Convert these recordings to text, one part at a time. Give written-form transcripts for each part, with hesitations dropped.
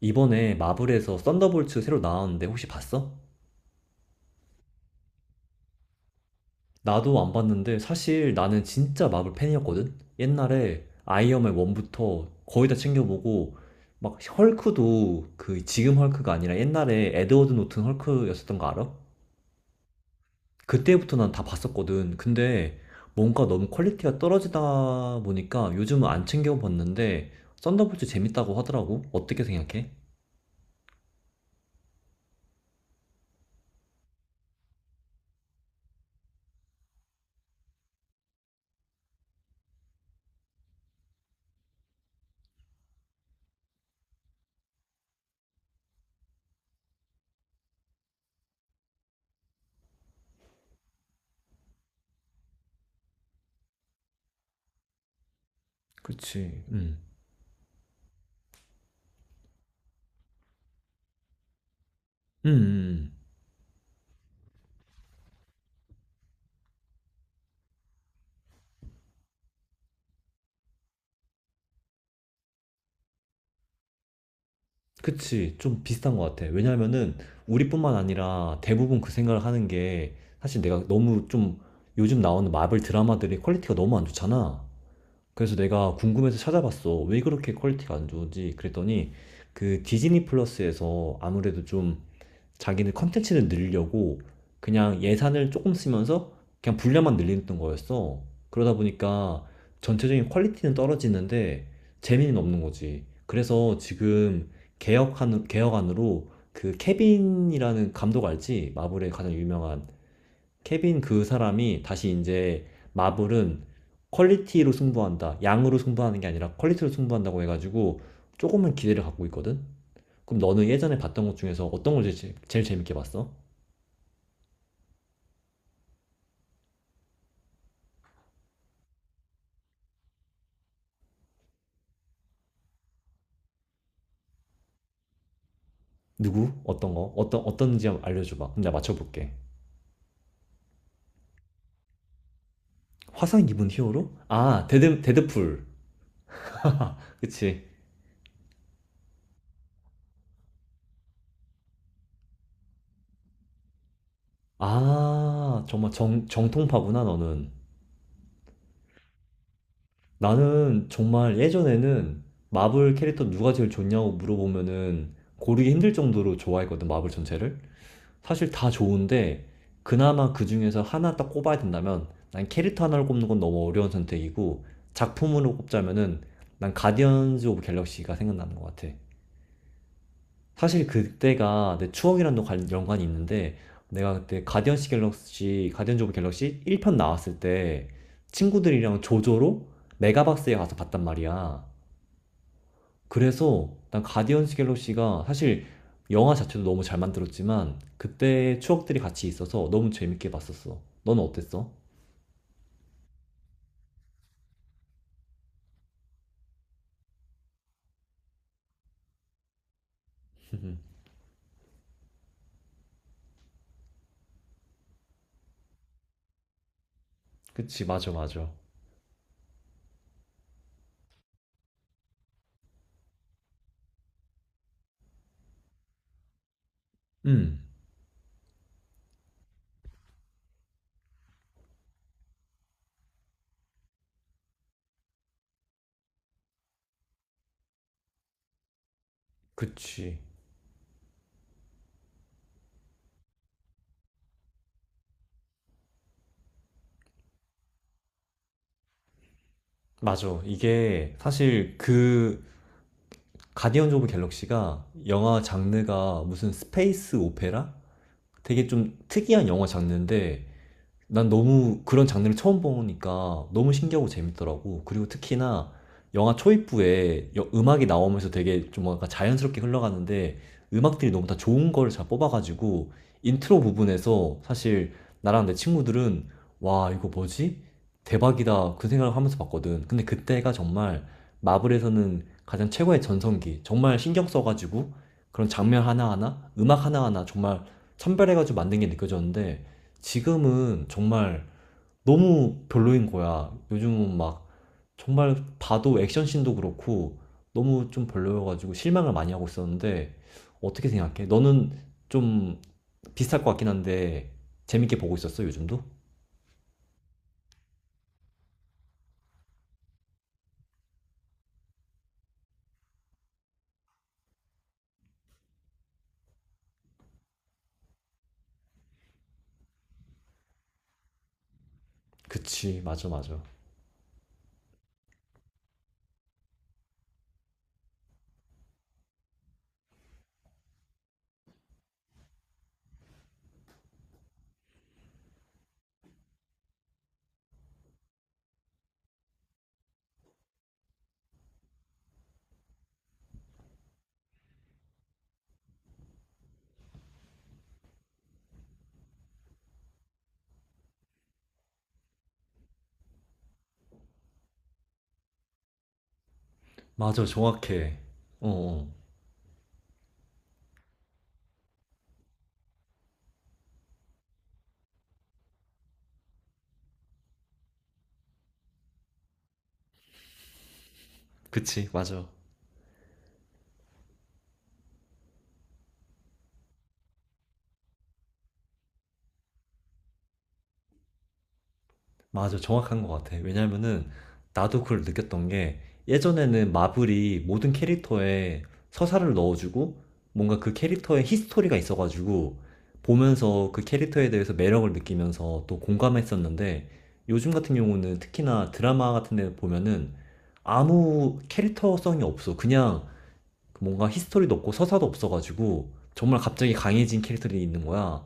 이번에 마블에서 썬더볼츠 새로 나왔는데 혹시 봤어? 나도 안 봤는데 사실 나는 진짜 마블 팬이었거든? 옛날에 아이언맨 1부터 거의 다 챙겨보고 막 헐크도 그 지금 헐크가 아니라 옛날에 에드워드 노튼 헐크였었던 거 알아? 그때부터 난 다 봤었거든. 근데 뭔가 너무 퀄리티가 떨어지다 보니까 요즘은 안 챙겨봤는데 썬더볼츠 재밌다고 하더라고. 어떻게 생각해? 그치. 음. 음. 음. 그치, 좀 비슷한 것 같아. 왜냐면은 우리뿐만 아니라 대부분 그 생각을 하는 게 사실 내가 너무 좀 요즘 나오는 마블 드라마들이 퀄리티가 너무 안 좋잖아. 그래서 내가 궁금해서 찾아봤어. 왜 그렇게 퀄리티가 안 좋은지. 그랬더니 그 디즈니 플러스에서 아무래도 좀 자기는 컨텐츠를 늘려고 그냥 예산을 조금 쓰면서 그냥 분량만 늘리던 거였어. 그러다 보니까 전체적인 퀄리티는 떨어지는데 재미는 없는 거지. 그래서 지금 개혁안으로 그 케빈이라는 감독 알지? 마블의 가장 유명한 케빈 그 사람이 다시 이제 마블은 퀄리티로 승부한다. 양으로 승부하는 게 아니라 퀄리티로 승부한다고 해가지고 조금은 기대를 갖고 있거든? 그럼 너는 예전에 봤던 것 중에서 어떤 걸 제일, 제일 재밌게 봤어? 누구? 어떤 거? 어떤지 알려줘봐. 그럼 내가 맞춰볼게. 화상 입은 히어로? 아, 데드풀. 그치. 아, 정말 정 정통파구나 너는. 나는 정말 예전에는 마블 캐릭터 누가 제일 좋냐고 물어보면은 고르기 힘들 정도로 좋아했거든, 마블 전체를. 사실 다 좋은데 그나마 그 중에서 하나 딱 꼽아야 된다면 난 캐릭터 하나를 꼽는 건 너무 어려운 선택이고 작품으로 꼽자면은 난 가디언즈 오브 갤럭시가 생각나는 것 같아. 사실 그때가 내 추억이랑도 연관이 있는데 내가 그때 가디언즈 오브 갤럭시 1편 나왔을 때 친구들이랑 조조로 메가박스에 가서 봤단 말이야. 그래서 난 가디언즈 갤럭시가 사실 영화 자체도 너무 잘 만들었지만 그때의 추억들이 같이 있어서 너무 재밌게 봤었어. 너는 어땠어? 그치, 맞아, 맞아. 음, 그치. 맞아. 이게 사실 그 가디언즈 오브 갤럭시가 영화 장르가 무슨 스페이스 오페라? 되게 좀 특이한 영화 장르인데 난 너무 그런 장르를 처음 보니까 너무 신기하고 재밌더라고. 그리고 특히나 영화 초입부에 음악이 나오면서 되게 좀 뭔가 자연스럽게 흘러가는데 음악들이 너무 다 좋은 걸 잘 뽑아가지고 인트로 부분에서 사실 나랑 내 친구들은 와, 이거 뭐지? 대박이다. 그 생각을 하면서 봤거든. 근데 그때가 정말 마블에서는 가장 최고의 전성기. 정말 신경 써가지고 그런 장면 하나하나, 음악 하나하나 정말 선별해가지고 만든 게 느껴졌는데 지금은 정말 너무 별로인 거야. 요즘은 막 정말 봐도 액션씬도 그렇고 너무 좀 별로여가지고 실망을 많이 하고 있었는데 어떻게 생각해? 너는 좀 비슷할 것 같긴 한데 재밌게 보고 있었어, 요즘도? 그치, 맞아, 맞아. 맞아, 정확해. 어, 어. 그치, 맞아. 맞아, 정확한 것 같아. 왜냐면은 나도 그걸 느꼈던 게 예전에는 마블이 모든 캐릭터에 서사를 넣어주고 뭔가 그 캐릭터의 히스토리가 있어가지고 보면서 그 캐릭터에 대해서 매력을 느끼면서 또 공감했었는데 요즘 같은 경우는 특히나 드라마 같은 데 보면은 아무 캐릭터성이 없어. 그냥 뭔가 히스토리도 없고 서사도 없어가지고 정말 갑자기 강해진 캐릭터들이 있는 거야.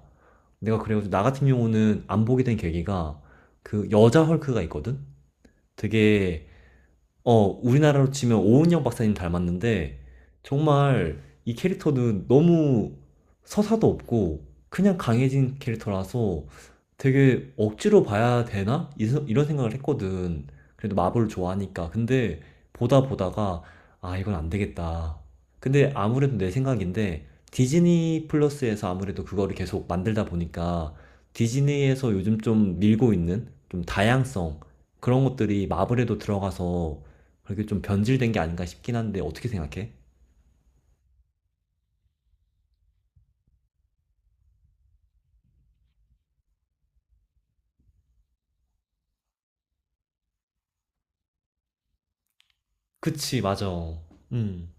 내가 그래가지고 나 같은 경우는 안 보게 된 계기가 그 여자 헐크가 있거든? 되게 어, 우리나라로 치면 오은영 박사님 닮았는데, 정말 이 캐릭터는 너무 서사도 없고, 그냥 강해진 캐릭터라서 되게 억지로 봐야 되나? 이런 생각을 했거든. 그래도 마블 좋아하니까. 근데 보다 보다가, 아, 이건 안 되겠다. 근데 아무래도 내 생각인데, 디즈니 플러스에서 아무래도 그거를 계속 만들다 보니까, 디즈니에서 요즘 좀 밀고 있는 좀 다양성, 그런 것들이 마블에도 들어가서 그렇게 좀 변질된 게 아닌가 싶긴 한데 어떻게 생각해? 그치, 맞아. 음,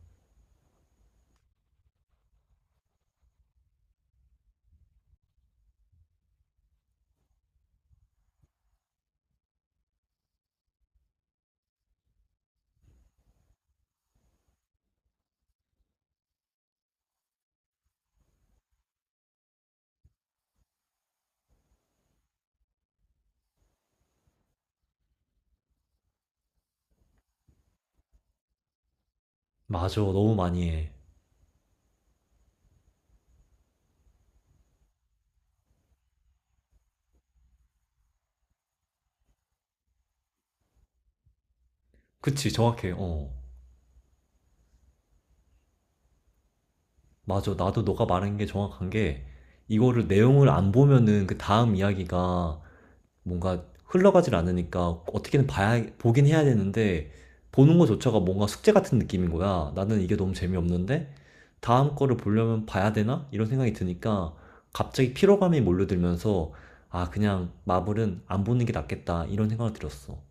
맞아. 너무 많이 해. 그치, 정확해. 어. 맞아. 나도 너가 말한 게 정확한 게 이거를 내용을 안 보면은 그 다음 이야기가 뭔가 흘러가질 않으니까 어떻게든 봐야, 보긴 해야 되는데, 보는 것조차가 뭔가 숙제 같은 느낌인 거야. 나는 이게 너무 재미없는데, 다음 거를 보려면 봐야 되나? 이런 생각이 드니까, 갑자기 피로감이 몰려들면서, 아, 그냥 마블은 안 보는 게 낫겠다. 이런 생각을 들었어.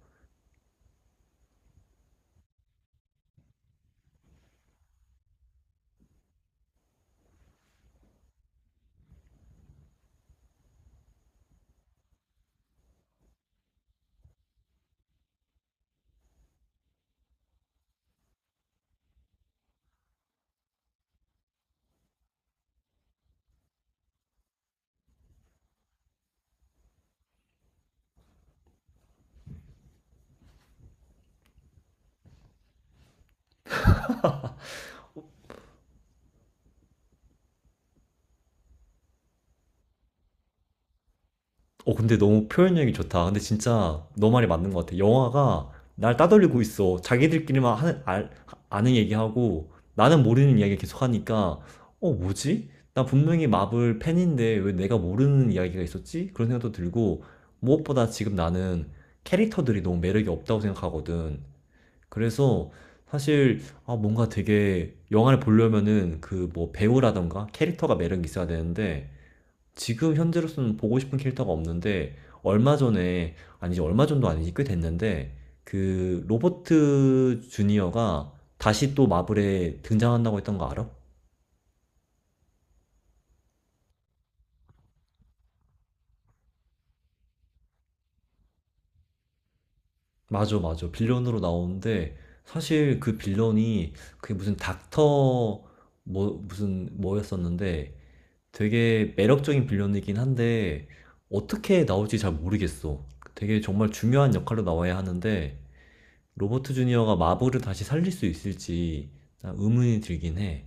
어, 근데 너무 표현력이 좋다. 근데 진짜 너 말이 맞는 것 같아. 영화가 날 따돌리고 있어. 아는 얘기하고 나는 모르는 이야기 계속하니까 어, 뭐지? 나 분명히 마블 팬인데 왜 내가 모르는 이야기가 있었지? 그런 생각도 들고 무엇보다 지금 나는 캐릭터들이 너무 매력이 없다고 생각하거든. 그래서 사실 아, 뭔가 되게 영화를 보려면은 그 뭐 배우라던가 캐릭터가 매력이 있어야 되는데 지금 현재로서는 보고 싶은 캐릭터가 없는데 얼마 전에 아니지 얼마 전도 아니지 꽤 됐는데 그 로버트 주니어가 다시 또 마블에 등장한다고 했던 거 알아? 맞아, 맞아, 빌런으로 나오는데 사실 그 빌런이 그게 무슨 닥터 뭐 무슨 뭐였었는데 되게 매력적인 빌런이긴 한데 어떻게 나올지 잘 모르겠어. 되게 정말 중요한 역할로 나와야 하는데 로버트 주니어가 마블을 다시 살릴 수 있을지 의문이 들긴 해.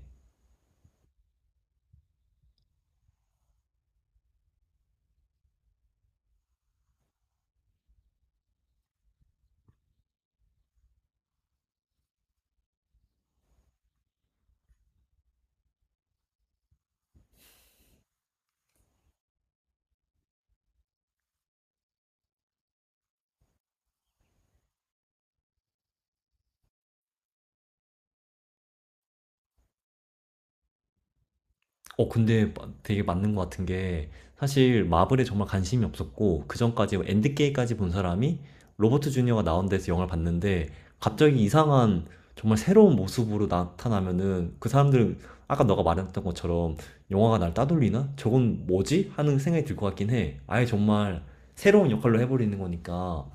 어, 근데 되게 맞는 것 같은 게 사실 마블에 정말 관심이 없었고 그 전까지 엔드게임까지 본 사람이 로버트 주니어가 나온 데서 영화를 봤는데 갑자기 이상한 정말 새로운 모습으로 나타나면은 그 사람들은 아까 너가 말했던 것처럼 영화가 날 따돌리나? 저건 뭐지? 하는 생각이 들 것 같긴 해. 아예 정말 새로운 역할로 해버리는 거니까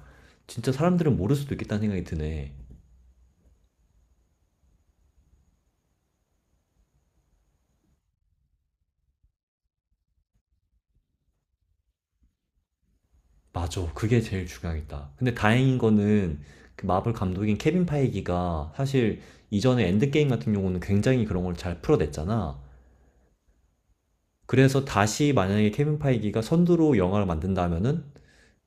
진짜 사람들은 모를 수도 있겠다는 생각이 드네. 맞아. 그게 제일 중요하겠다. 근데 다행인 거는 그 마블 감독인 케빈 파이기가 사실 이전에 엔드게임 같은 경우는 굉장히 그런 걸 잘 풀어냈잖아. 그래서 다시 만약에 케빈 파이기가 선두로 영화를 만든다면은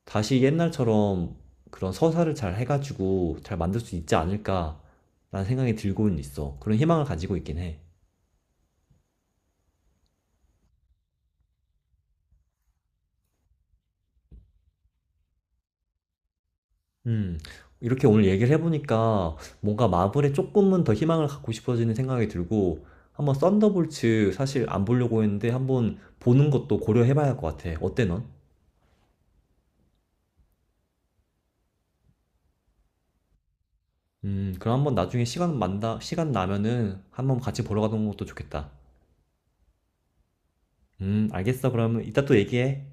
다시 옛날처럼 그런 서사를 잘 해가지고 잘 만들 수 있지 않을까라는 생각이 들고는 있어. 그런 희망을 가지고 있긴 해. 음, 이렇게 오늘 얘기를 해보니까 뭔가 마블에 조금은 더 희망을 갖고 싶어지는 생각이 들고 한번 썬더볼츠 사실 안 보려고 했는데 한번 보는 것도 고려해봐야 할 것 같아. 어때 넌? 그럼 한번 나중에 시간 나면은 한번 같이 보러 가는 것도 좋겠다. 알겠어. 그러면 이따 또 얘기해.